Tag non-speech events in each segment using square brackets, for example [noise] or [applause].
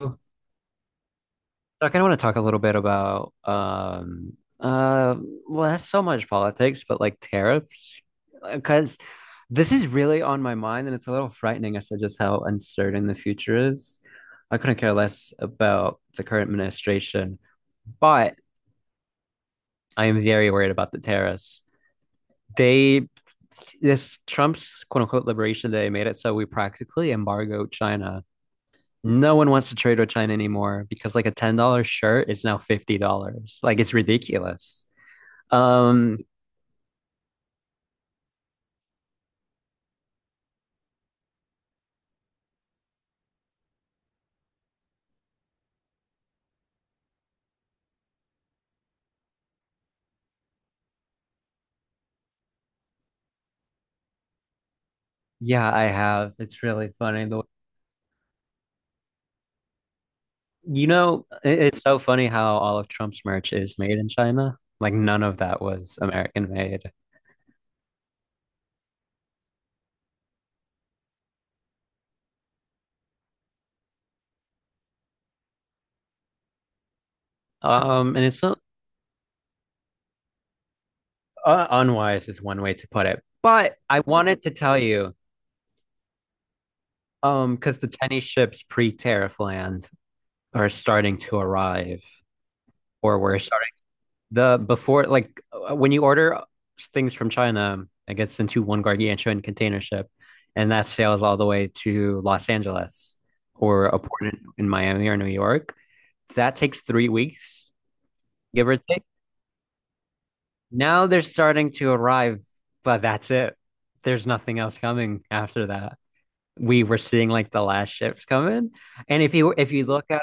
So I kind of want to talk a little bit about uh that's so much politics, but like tariffs because this is really on my mind and it's a little frightening as to just how uncertain the future is. I couldn't care less about the current administration, but I am very worried about the tariffs. They this Trump's quote unquote liberation day made it so we practically embargo China. No one wants to trade with China anymore because like a $10 shirt is now $50. Like it's ridiculous. Um, yeah, I have. It's really funny. The, you know, it- It's so funny how all of Trump's merch is made in China. Like none of that was American made. Um, and it's so, uh, unwise is one way to put it. But I wanted to tell you, because the Chinese ships pre-tariff land are starting to arrive, or were the before like when you order things from China, it gets into one gargantuan container ship, and that sails all the way to Los Angeles or a port in Miami or New York. That takes 3 weeks, give or take. Now they're starting to arrive, but that's it. There's nothing else coming after that. We were seeing like the last ships coming, and if you look at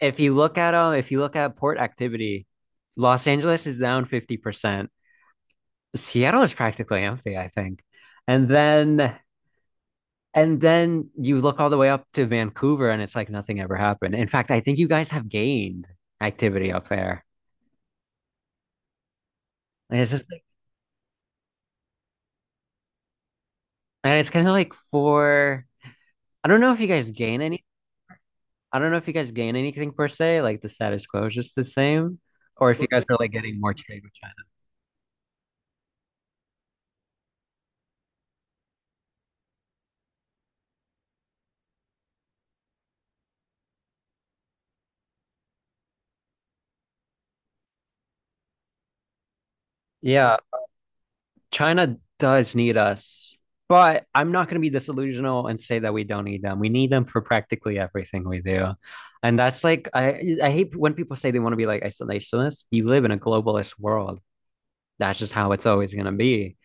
if you look at port activity, Los Angeles is down 50%. Seattle is practically empty, I think. And then and then you look all the way up to Vancouver and it's like nothing ever happened. In fact, I think you guys have gained activity up there. And it's just like and it's kind of like for I don't know if you guys gain any I don't know if you guys gain anything per se, like the status quo is just the same, or if you guys are like getting more trade with China. Yeah. China does need us, but I'm not going to be disillusional and say that we don't need them. We need them for practically everything we do. And that's like, I hate when people say they want to be like isolationist. You live in a globalist world. That's just how it's always going to be.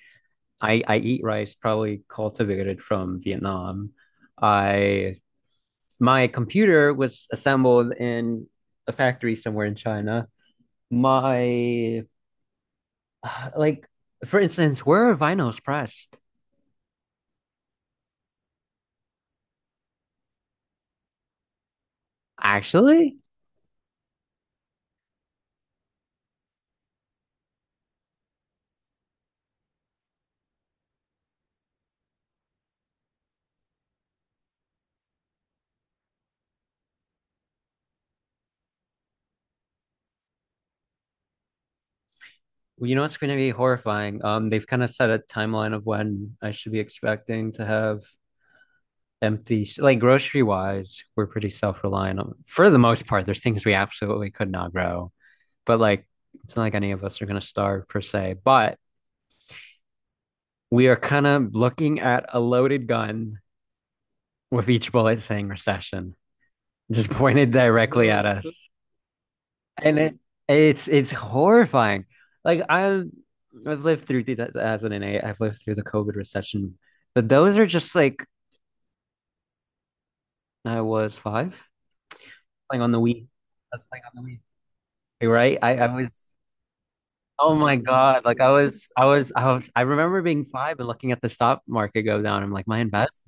I eat rice probably cultivated from Vietnam. I My computer was assembled in a factory somewhere in China. My like For instance, where are vinyls pressed? Actually, Well, you know it's going to be horrifying? They've kind of set a timeline of when I should be expecting to have empty, like grocery wise, we're pretty self-reliant on, for the most part. There's things we absolutely could not grow, but like it's not like any of us are going to starve per se. But we are kind of looking at a loaded gun with each bullet saying recession, just [laughs] pointed directly at us. And it It's horrifying. Like i have I've lived through 2008. I've lived through the COVID recession. But those are just like I was five playing on the Wii. I was playing on the Wii. Right? I was Oh my God. Like I was I was I was I remember being five and looking at the stock market go down. I'm like, my investments.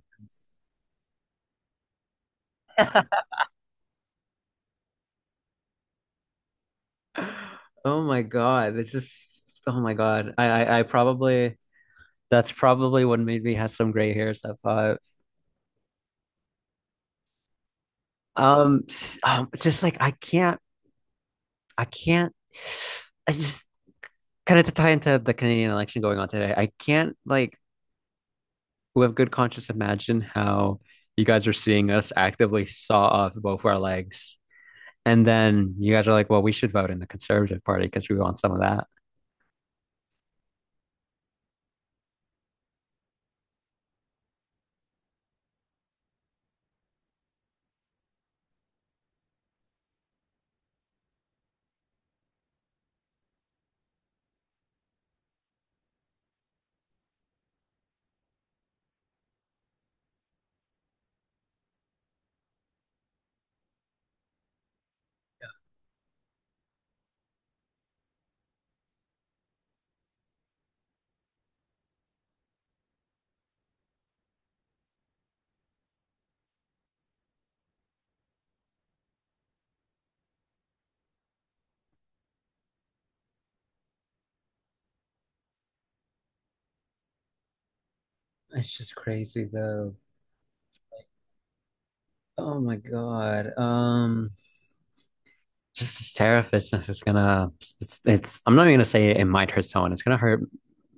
[laughs] Oh my God. It's just Oh my God. I probably that's probably what made me have some gray hairs at five. Um, just like I can't, I can't. I just Kind of to tie into the Canadian election going on today. I can't like With good conscience imagine how you guys are seeing us actively saw off both our legs, and then you guys are like, "Well, we should vote in the Conservative Party because we want some of that." It's just crazy though. Oh my God. Just this terrifishness is gonna. It's, it's. I'm not even gonna say it might hurt someone. It's gonna hurt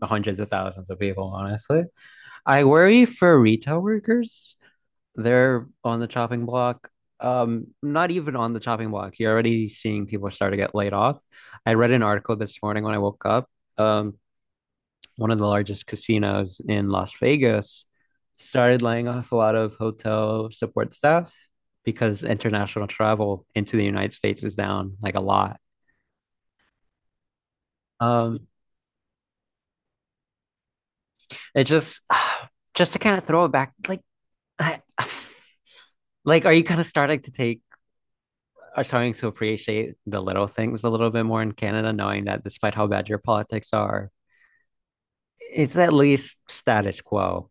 hundreds of thousands of people, honestly. I worry for retail workers. They're on the chopping block. Not even on the chopping block. You're already seeing people start to get laid off. I read an article this morning when I woke up. Um, One of the largest casinos in Las Vegas started laying off a lot of hotel support staff because international travel into the United States is down like a lot. Um, it just [sighs] Just to kind of throw it back, like [sighs] I, like are you kind of starting to take are starting to appreciate the little things a little bit more in Canada, knowing that despite how bad your politics are, it's at least status quo.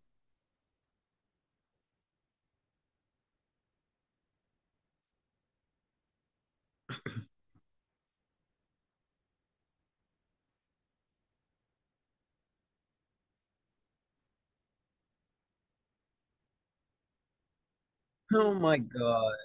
Oh my god.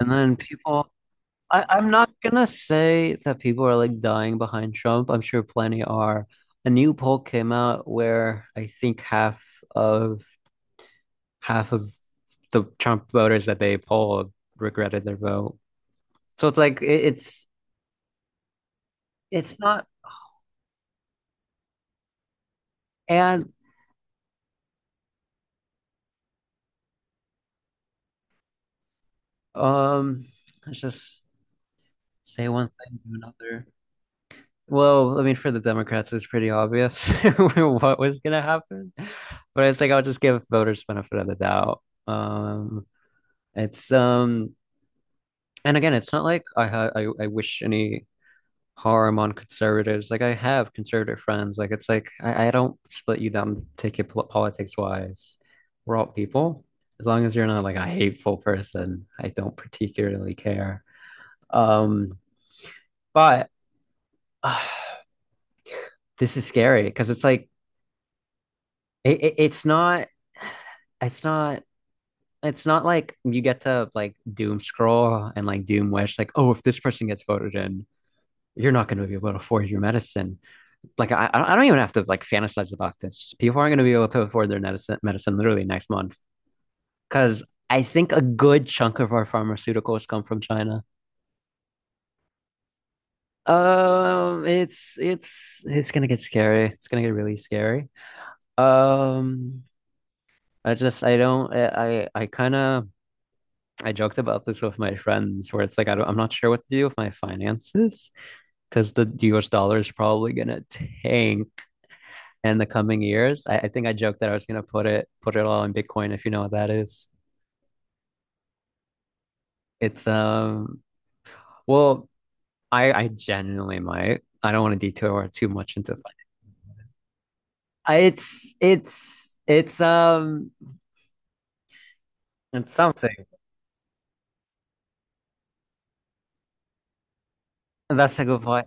And then people, I, I'm not gonna say that people are like dying behind Trump. I'm sure plenty are. A new poll came out where I think of half of the Trump voters that they polled regretted their vote. So it's like it, it's not and um it's just Say one thing to another. Well, I mean, for the Democrats, it was pretty obvious [laughs] what was gonna happen, but it's like I'll just give voters benefit of the doubt. Um, it's And again, it's not like I wish any harm on conservatives. Like I have conservative friends. Like it's like I don't split you down ticket politics wise. We're all people. As long as you're not like a hateful person, I don't particularly care. Um, but. [sighs] This is scary because it's like it, it's not it's not it's not like you get to like doom scroll and like doom wish like oh if this person gets voted in you're not going to be able to afford your medicine like I don't even have to like fantasize about this. People aren't going to be able to afford their medicine literally next month because I think a good chunk of our pharmaceuticals come from china. It's it's gonna get scary. It's gonna get really scary. Um I just I don't I, Kind of I joked about this with my friends where it's like I don't, I'm not sure what to do with my finances because the US dollar is probably gonna tank in the coming years. I think I joked that I was gonna put it all in Bitcoin if you know what that is. It's well I genuinely might. I don't want to detour too much into it's it's something. That's a good point.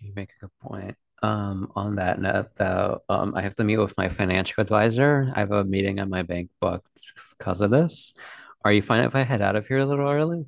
You make a good point. On that note, though, I have to meet with my financial advisor. I have a meeting on my bank booked because of this. Are you fine if I head out of here a little early?